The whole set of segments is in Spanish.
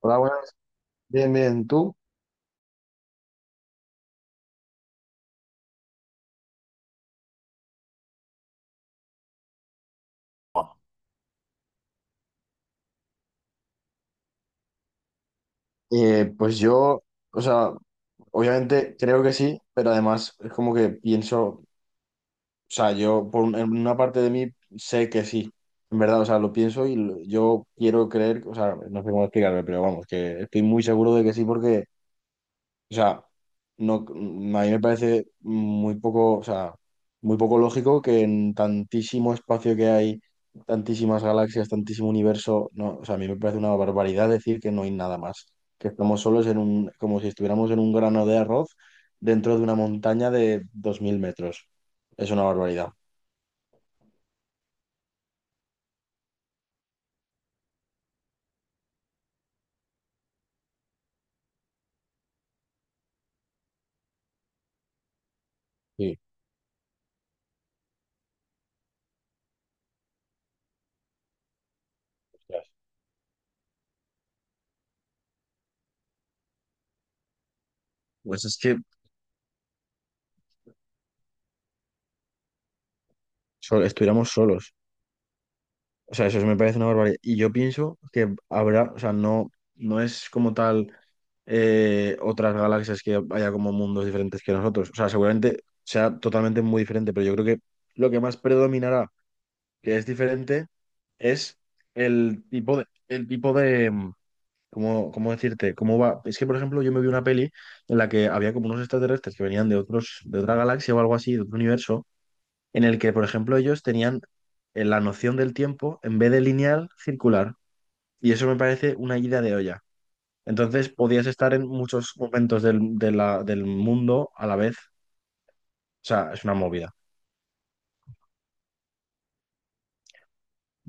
Hola, buenas. Bien, bien. ¿Tú? Pues yo, o sea, obviamente creo que sí, pero además es como que pienso, o sea, yo en una parte de mí sé que sí, en verdad, o sea, lo pienso y yo quiero creer, o sea, no sé cómo explicarme, pero vamos, que estoy muy seguro de que sí porque... O sea, no, a mí me parece muy poco, o sea, muy poco lógico que en tantísimo espacio que hay, tantísimas galaxias, tantísimo universo, no, o sea, a mí me parece una barbaridad decir que no hay nada más, que estamos solos en un, como si estuviéramos en un grano de arroz dentro de una montaña de 2000 metros. Es una barbaridad. Sí, hostias. Pues es que estuviéramos solos. O sea, eso sí me parece una barbaridad. Y yo pienso que habrá, o sea, no, no es como tal otras galaxias que haya como mundos diferentes que nosotros. O sea, seguramente sea totalmente muy diferente, pero yo creo que lo que más predominará, que es diferente, es el tipo de. ¿Cómo decirte? ¿Cómo va? Es que, por ejemplo, yo me vi una peli en la que había como unos extraterrestres que venían de de otra galaxia o algo así, de otro universo en el que, por ejemplo, ellos tenían la noción del tiempo en vez de lineal, circular. Y eso me parece una ida de olla. Entonces podías estar en muchos momentos del mundo a la vez. O sea, es una movida.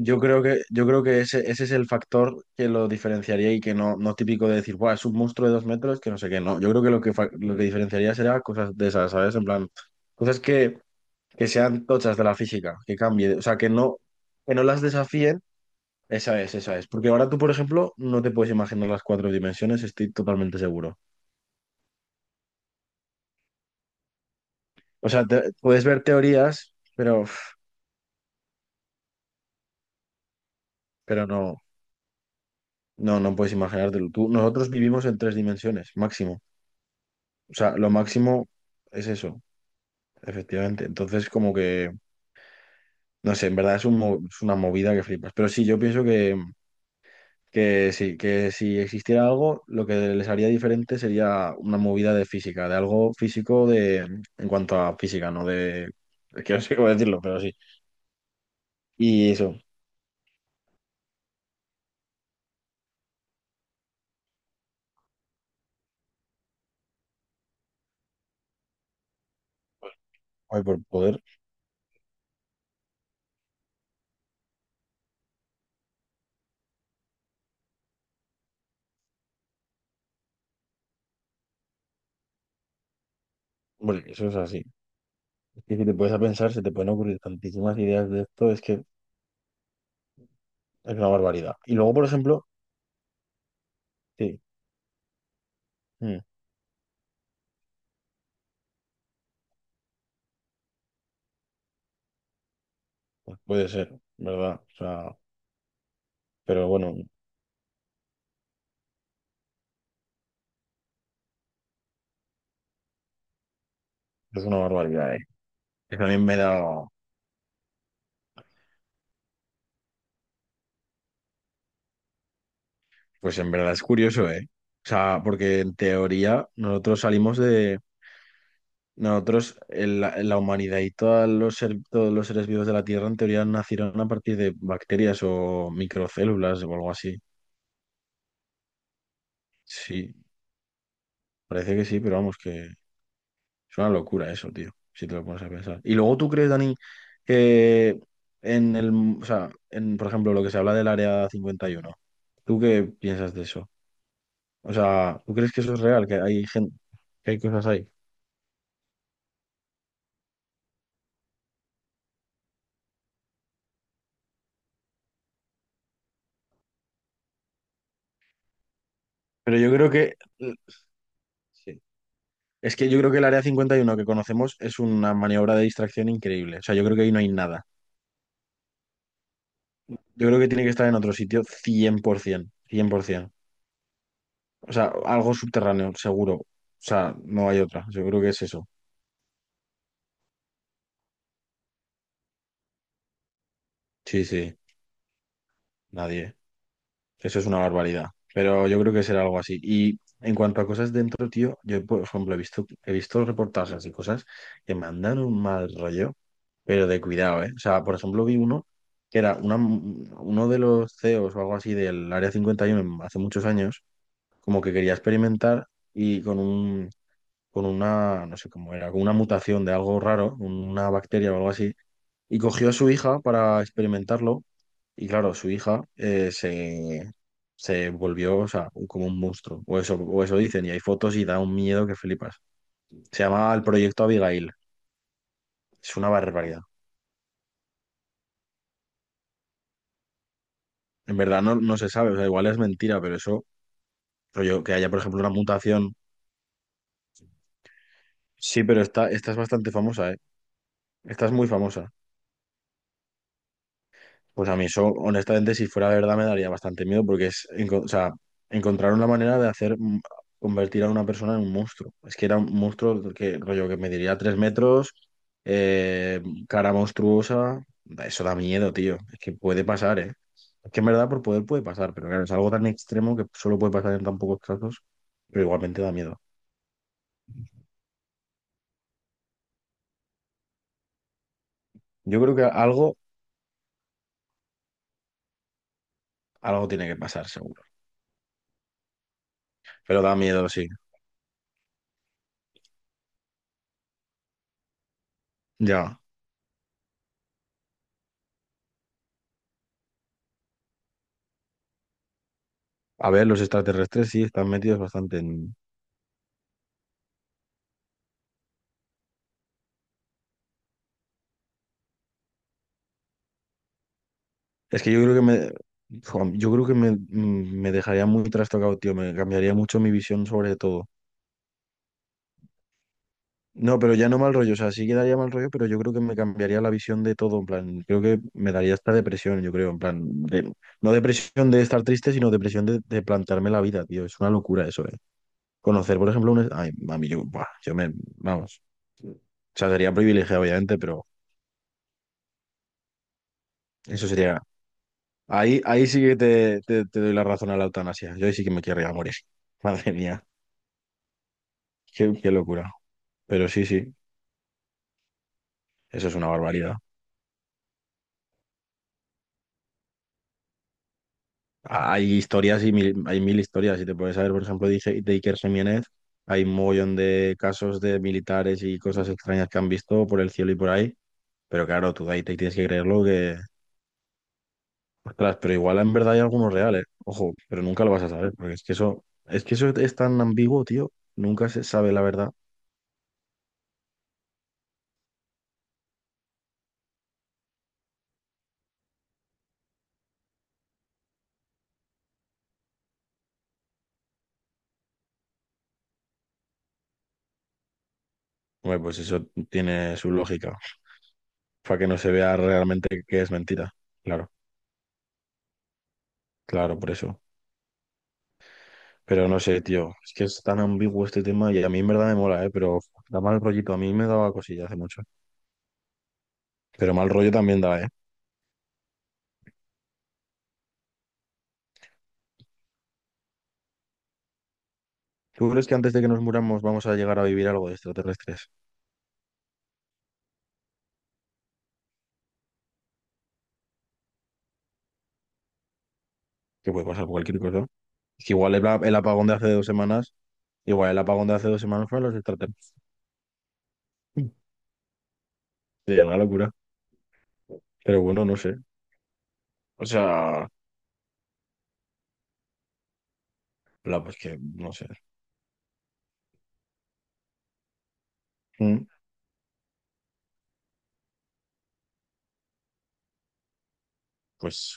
Yo creo que ese es el factor que lo diferenciaría, y que no, no típico de decir: buah, es un monstruo de 2 metros, que no sé qué. No, yo creo que lo que diferenciaría será cosas de esas, ¿sabes? En plan, cosas que sean tochas de la física, que cambie, o sea, que no las desafíen. Esa es, esa es. Porque ahora tú, por ejemplo, no te puedes imaginar las 4 dimensiones, estoy totalmente seguro. O sea, puedes ver teorías, pero, uf, pero no, no puedes imaginártelo. Tú, nosotros vivimos en 3 dimensiones, máximo. O sea, lo máximo es eso, efectivamente. Entonces, como que, no sé, en verdad es una movida que flipas. Pero sí, yo pienso que... Que sí, que si existiera algo, lo que les haría diferente sería una movida de física, de algo físico de, en cuanto a física, no de... Es que no sé cómo decirlo, pero sí. Y eso, ay, por poder, bueno, eso es así. Es que si te puedes a pensar, se te pueden ocurrir tantísimas ideas de esto, es que es una barbaridad. Y luego, por ejemplo, sí, mm, pues puede ser, ¿verdad? O sea, pero bueno, es una barbaridad, ¿eh? Que también me da, pues en verdad es curioso, ¿eh? O sea, porque en teoría nosotros salimos de... Nosotros, la humanidad y todos los, todos los seres vivos de la Tierra en teoría nacieron a partir de bacterias o microcélulas o algo así. Sí, parece que sí, pero vamos, que es una locura eso, tío, si te lo pones a pensar. Y luego tú crees, Dani, que en el, o sea, por ejemplo, lo que se habla del Área 51, ¿tú qué piensas de eso? O sea, ¿tú crees que eso es real, que hay gente, que hay cosas ahí? Pero yo creo que... Sí. Es que yo creo que el área 51 que conocemos es una maniobra de distracción increíble. O sea, yo creo que ahí no hay nada. Yo creo que tiene que estar en otro sitio cien por ciento, cien por 100%. O sea, algo subterráneo, seguro. O sea, no hay otra. Yo creo que es eso. Sí, sí, nadie. Eso es una barbaridad, pero yo creo que será algo así. Y en cuanto a cosas dentro, tío, yo, por ejemplo, he visto reportajes y cosas que me han dado un mal rollo, pero de cuidado, ¿eh? O sea, por ejemplo, vi uno que era una, uno de los CEOs o algo así del Área 51 hace muchos años, como que quería experimentar y con una, no sé cómo era, con una mutación de algo raro, una bacteria o algo así, y cogió a su hija para experimentarlo, y claro, su hija se volvió, o sea, como un monstruo, o eso dicen, y hay fotos y da un miedo que flipas. Se llama el proyecto Abigail, es una barbaridad. En verdad no se sabe, o sea, igual es mentira, pero eso, rollo, que haya, por ejemplo, una mutación. Sí, pero esta es bastante famosa, ¿eh? Esta es muy famosa. Pues a mí eso, honestamente, si fuera verdad, me daría bastante miedo porque es, o sea, encontraron la manera de hacer convertir a una persona en un monstruo. Es que era un monstruo que, rollo, que mediría 3 metros, eh, cara monstruosa. Eso da miedo, tío. Es que puede pasar, ¿eh? Es que en verdad por poder puede pasar, pero claro, es algo tan extremo que solo puede pasar en tan pocos casos, pero igualmente da miedo. Yo creo que algo tiene que pasar, seguro. Pero da miedo, sí. Ya. A ver, los extraterrestres sí están metidos bastante en... Es que yo creo que me, jo, yo creo que me, me dejaría muy trastocado, tío. Me cambiaría mucho mi visión sobre todo. No, pero ya no mal rollo. O sea, sí que daría mal rollo, pero yo creo que me cambiaría la visión de todo. En plan, creo que me daría esta depresión, yo creo. En plan, de... No depresión de estar triste, sino depresión de, plantearme la vida, tío. Es una locura eso, ¿eh? Conocer, por ejemplo, un... Ay, mami, yo, buah, yo me... Vamos. O sea, sería privilegiado, obviamente, pero eso sería... Ahí, ahí sí que te doy la razón a la eutanasia. Yo ahí sí que me querría morir. Madre mía, qué locura. Pero sí, sí, eso es una barbaridad. Hay historias y mil, hay mil historias. Si te puedes saber, por ejemplo, de, de Iker Jiménez, hay un mogollón de casos de militares y cosas extrañas que han visto por el cielo y por ahí. Pero claro, tú de ahí te tienes que creerlo que... Ostras, pero igual en verdad hay algunos reales. Ojo, pero nunca lo vas a saber, porque es que eso, es que eso es tan ambiguo, tío. Nunca se sabe la verdad. Hombre, pues eso tiene su lógica, para que no se vea realmente que es mentira. Claro, claro, por eso. Pero no sé, tío, es que es tan ambiguo este tema y a mí en verdad me mola, ¿eh? Pero da mal rollito, a mí me daba cosilla hace mucho. Pero mal rollo también da, ¿eh? ¿Tú crees que antes de que nos muramos vamos a llegar a vivir algo de extraterrestres? Que puede pasar cualquier cosa. Es que igual el apagón de hace 2 semanas, igual el apagón de hace 2 semanas fue a los extraterrestres. Sería una locura. Pero bueno, no sé. O sea, pues que, no sé. Mm, Pues,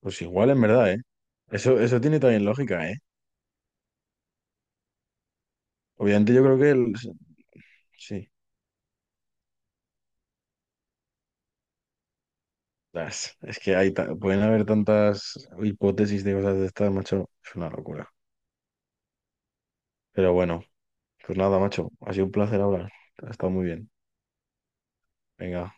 pues igual en verdad, ¿eh? Eso tiene también lógica, ¿eh? Obviamente yo creo que el, sí. Es que pueden haber tantas hipótesis de cosas de estas, macho. Es una locura. Pero bueno, pues nada, macho. Ha sido un placer hablar. Ha estado muy bien. Venga.